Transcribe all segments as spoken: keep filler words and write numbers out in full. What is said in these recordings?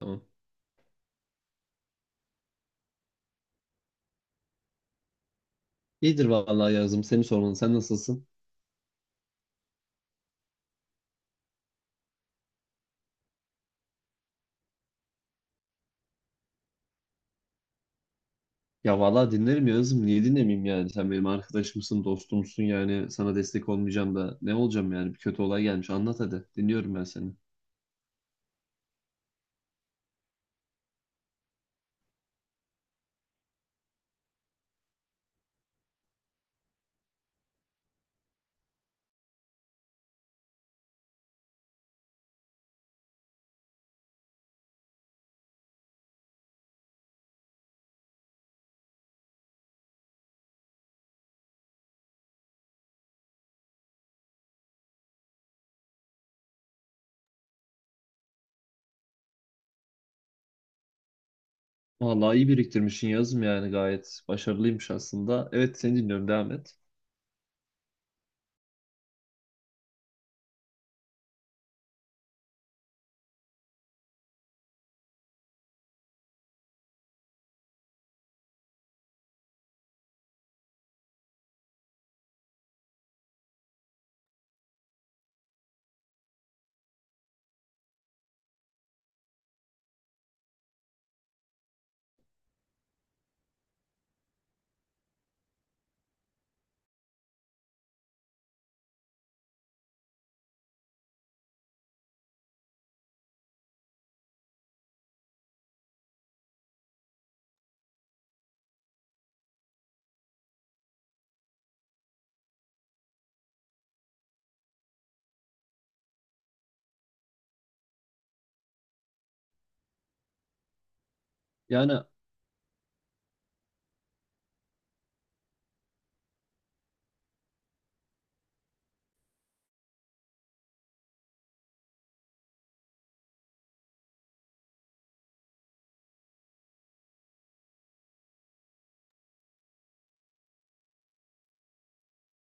Tamam. İyidir vallahi Yağız'ım. Seni sormalı. Sen nasılsın? Ya vallahi dinlerim Yağız'ım. Niye dinlemeyeyim yani? Sen benim arkadaşımsın, dostumsun yani. Sana destek olmayacağım da ne olacağım yani? Bir kötü olay gelmiş. Anlat hadi. Dinliyorum ben seni. Vallahi iyi biriktirmişsin Yağız'ım yani. Gayet başarılıymış aslında. Evet seni dinliyorum. Devam et. Yani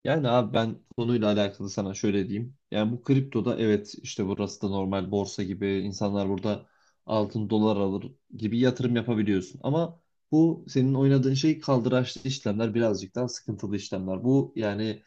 Yani abi ben konuyla alakalı sana şöyle diyeyim. Yani bu kriptoda evet işte burası da normal borsa gibi insanlar burada altın dolar alır gibi yatırım yapabiliyorsun. Ama bu senin oynadığın şey kaldıraçlı işlemler birazcık daha sıkıntılı işlemler. Bu yani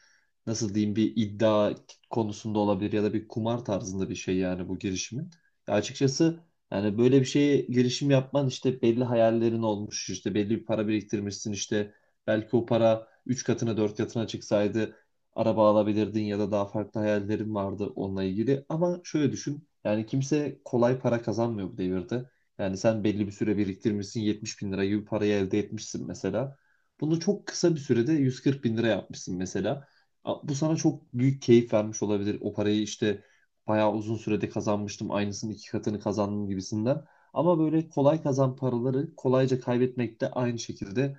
nasıl diyeyim, bir iddia konusunda olabilir ya da bir kumar tarzında bir şey yani bu girişimin. Ya açıkçası yani böyle bir şeye girişim yapman, işte belli hayallerin olmuş, işte belli bir para biriktirmişsin işte. Belki o para üç katına dört katına çıksaydı araba alabilirdin ya da daha farklı hayallerin vardı onunla ilgili. Ama şöyle düşün. Yani kimse kolay para kazanmıyor bu devirde. Yani sen belli bir süre biriktirmişsin, yetmiş bin lira gibi parayı elde etmişsin mesela. Bunu çok kısa bir sürede yüz kırk bin lira yapmışsın mesela. A- Bu sana çok büyük keyif vermiş olabilir. O parayı işte bayağı uzun sürede kazanmıştım. Aynısının iki katını kazandım gibisinden. Ama böyle kolay kazan paraları kolayca kaybetmek de aynı şekilde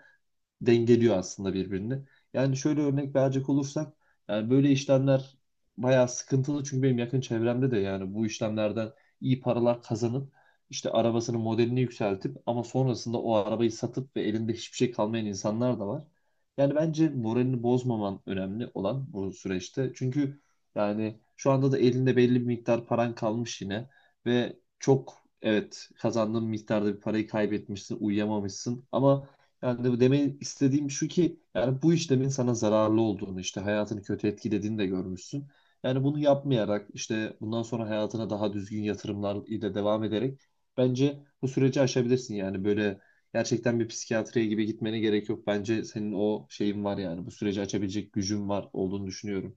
dengeliyor aslında birbirini. Yani şöyle örnek verecek olursak yani böyle işlemler bayağı sıkıntılı, çünkü benim yakın çevremde de yani bu işlemlerden iyi paralar kazanıp işte arabasının modelini yükseltip ama sonrasında o arabayı satıp ve elinde hiçbir şey kalmayan insanlar da var. Yani bence moralini bozmaman önemli olan bu süreçte. Çünkü yani şu anda da elinde belli bir miktar paran kalmış yine ve çok, evet, kazandığın miktarda bir parayı kaybetmişsin, uyuyamamışsın, ama yani bu demin istediğim şu ki yani bu işlemin sana zararlı olduğunu, işte hayatını kötü etkilediğini de görmüşsün. Yani bunu yapmayarak, işte bundan sonra hayatına daha düzgün yatırımlar ile devam ederek bence bu süreci aşabilirsin. Yani böyle gerçekten bir psikiyatriye gibi gitmene gerek yok. Bence senin o şeyin var, yani bu süreci açabilecek gücün var olduğunu düşünüyorum.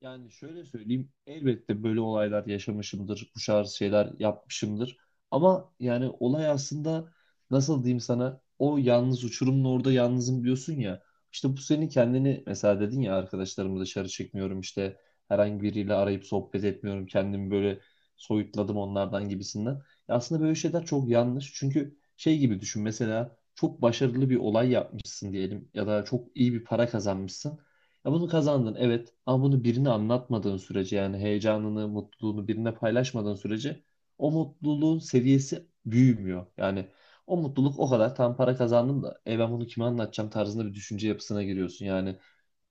Yani şöyle söyleyeyim, elbette böyle olaylar yaşamışımdır, bu tarz şeyler yapmışımdır. Ama yani olay aslında nasıl diyeyim sana, o yalnız uçurumun orada yalnızım diyorsun ya. İşte bu senin kendini mesela dedin ya, arkadaşlarımı dışarı çekmiyorum, işte herhangi biriyle arayıp sohbet etmiyorum, kendimi böyle soyutladım onlardan gibisinden. Ya aslında böyle şeyler çok yanlış, çünkü şey gibi düşün, mesela çok başarılı bir olay yapmışsın diyelim ya da çok iyi bir para kazanmışsın. Ya bunu kazandın evet, ama bunu birine anlatmadığın sürece, yani heyecanını, mutluluğunu birine paylaşmadığın sürece o mutluluğun seviyesi büyümüyor. Yani o mutluluk o kadar tam, para kazandım da e ben bunu kime anlatacağım tarzında bir düşünce yapısına giriyorsun. Yani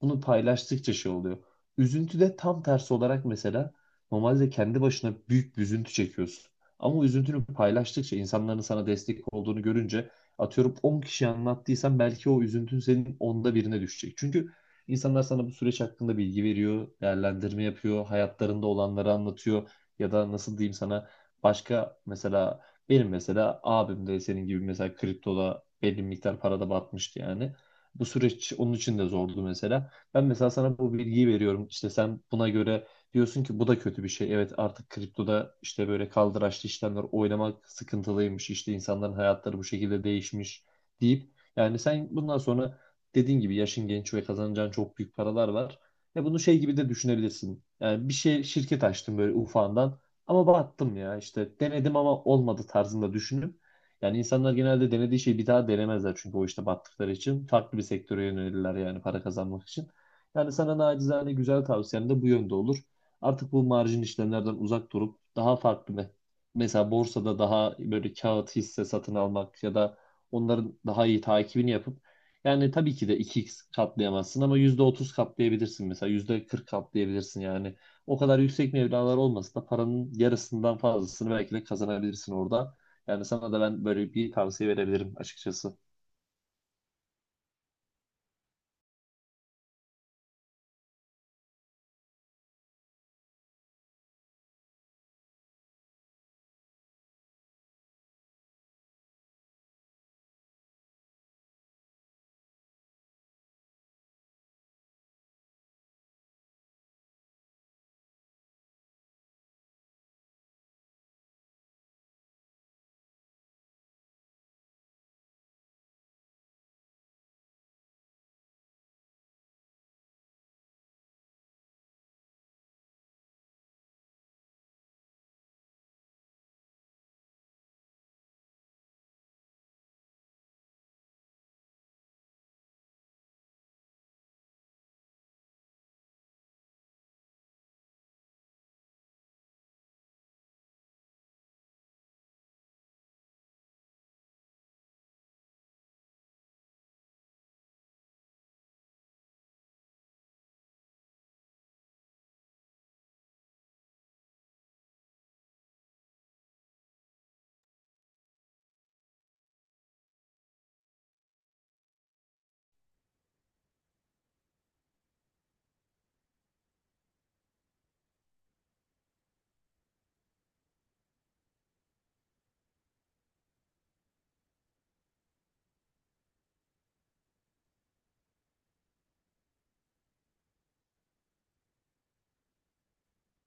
bunu paylaştıkça şey oluyor. Üzüntü de tam tersi olarak mesela normalde kendi başına büyük bir üzüntü çekiyorsun. Ama o üzüntünü paylaştıkça, insanların sana destek olduğunu görünce, atıyorum on kişiye anlattıysan, belki o üzüntün senin onda birine düşecek. Çünkü İnsanlar sana bu süreç hakkında bilgi veriyor, değerlendirme yapıyor, hayatlarında olanları anlatıyor ya da nasıl diyeyim sana, başka mesela benim mesela abim de senin gibi mesela kriptoda belli bir miktar parada batmıştı yani. Bu süreç onun için de zordu mesela. Ben mesela sana bu bilgiyi veriyorum. İşte sen buna göre diyorsun ki bu da kötü bir şey. Evet, artık kriptoda işte böyle kaldıraçlı işlemler oynamak sıkıntılıymış. İşte insanların hayatları bu şekilde değişmiş deyip yani sen bundan sonra dediğin gibi yaşın genç ve kazanacağın çok büyük paralar var. Ve bunu şey gibi de düşünebilirsin. Yani bir şey, şirket açtım böyle ufağından ama battım ya, işte denedim ama olmadı tarzında düşünüp yani insanlar genelde denediği şeyi bir daha denemezler, çünkü o işte battıkları için farklı bir sektöre yönelirler, yani para kazanmak için. Yani sana nacizane güzel tavsiyem de bu yönde olur. Artık bu marjin işlemlerden uzak durup daha farklı me- mesela borsada daha böyle kağıt hisse satın almak ya da onların daha iyi takibini yapıp, yani tabii ki de iki x katlayamazsın ama yüzde otuz katlayabilirsin mesela, yüzde kırk katlayabilirsin yani. O kadar yüksek meblağlar olmasa da paranın yarısından fazlasını belki de kazanabilirsin orada. Yani sana da ben böyle bir tavsiye verebilirim açıkçası.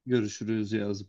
Görüşürüz, yaz.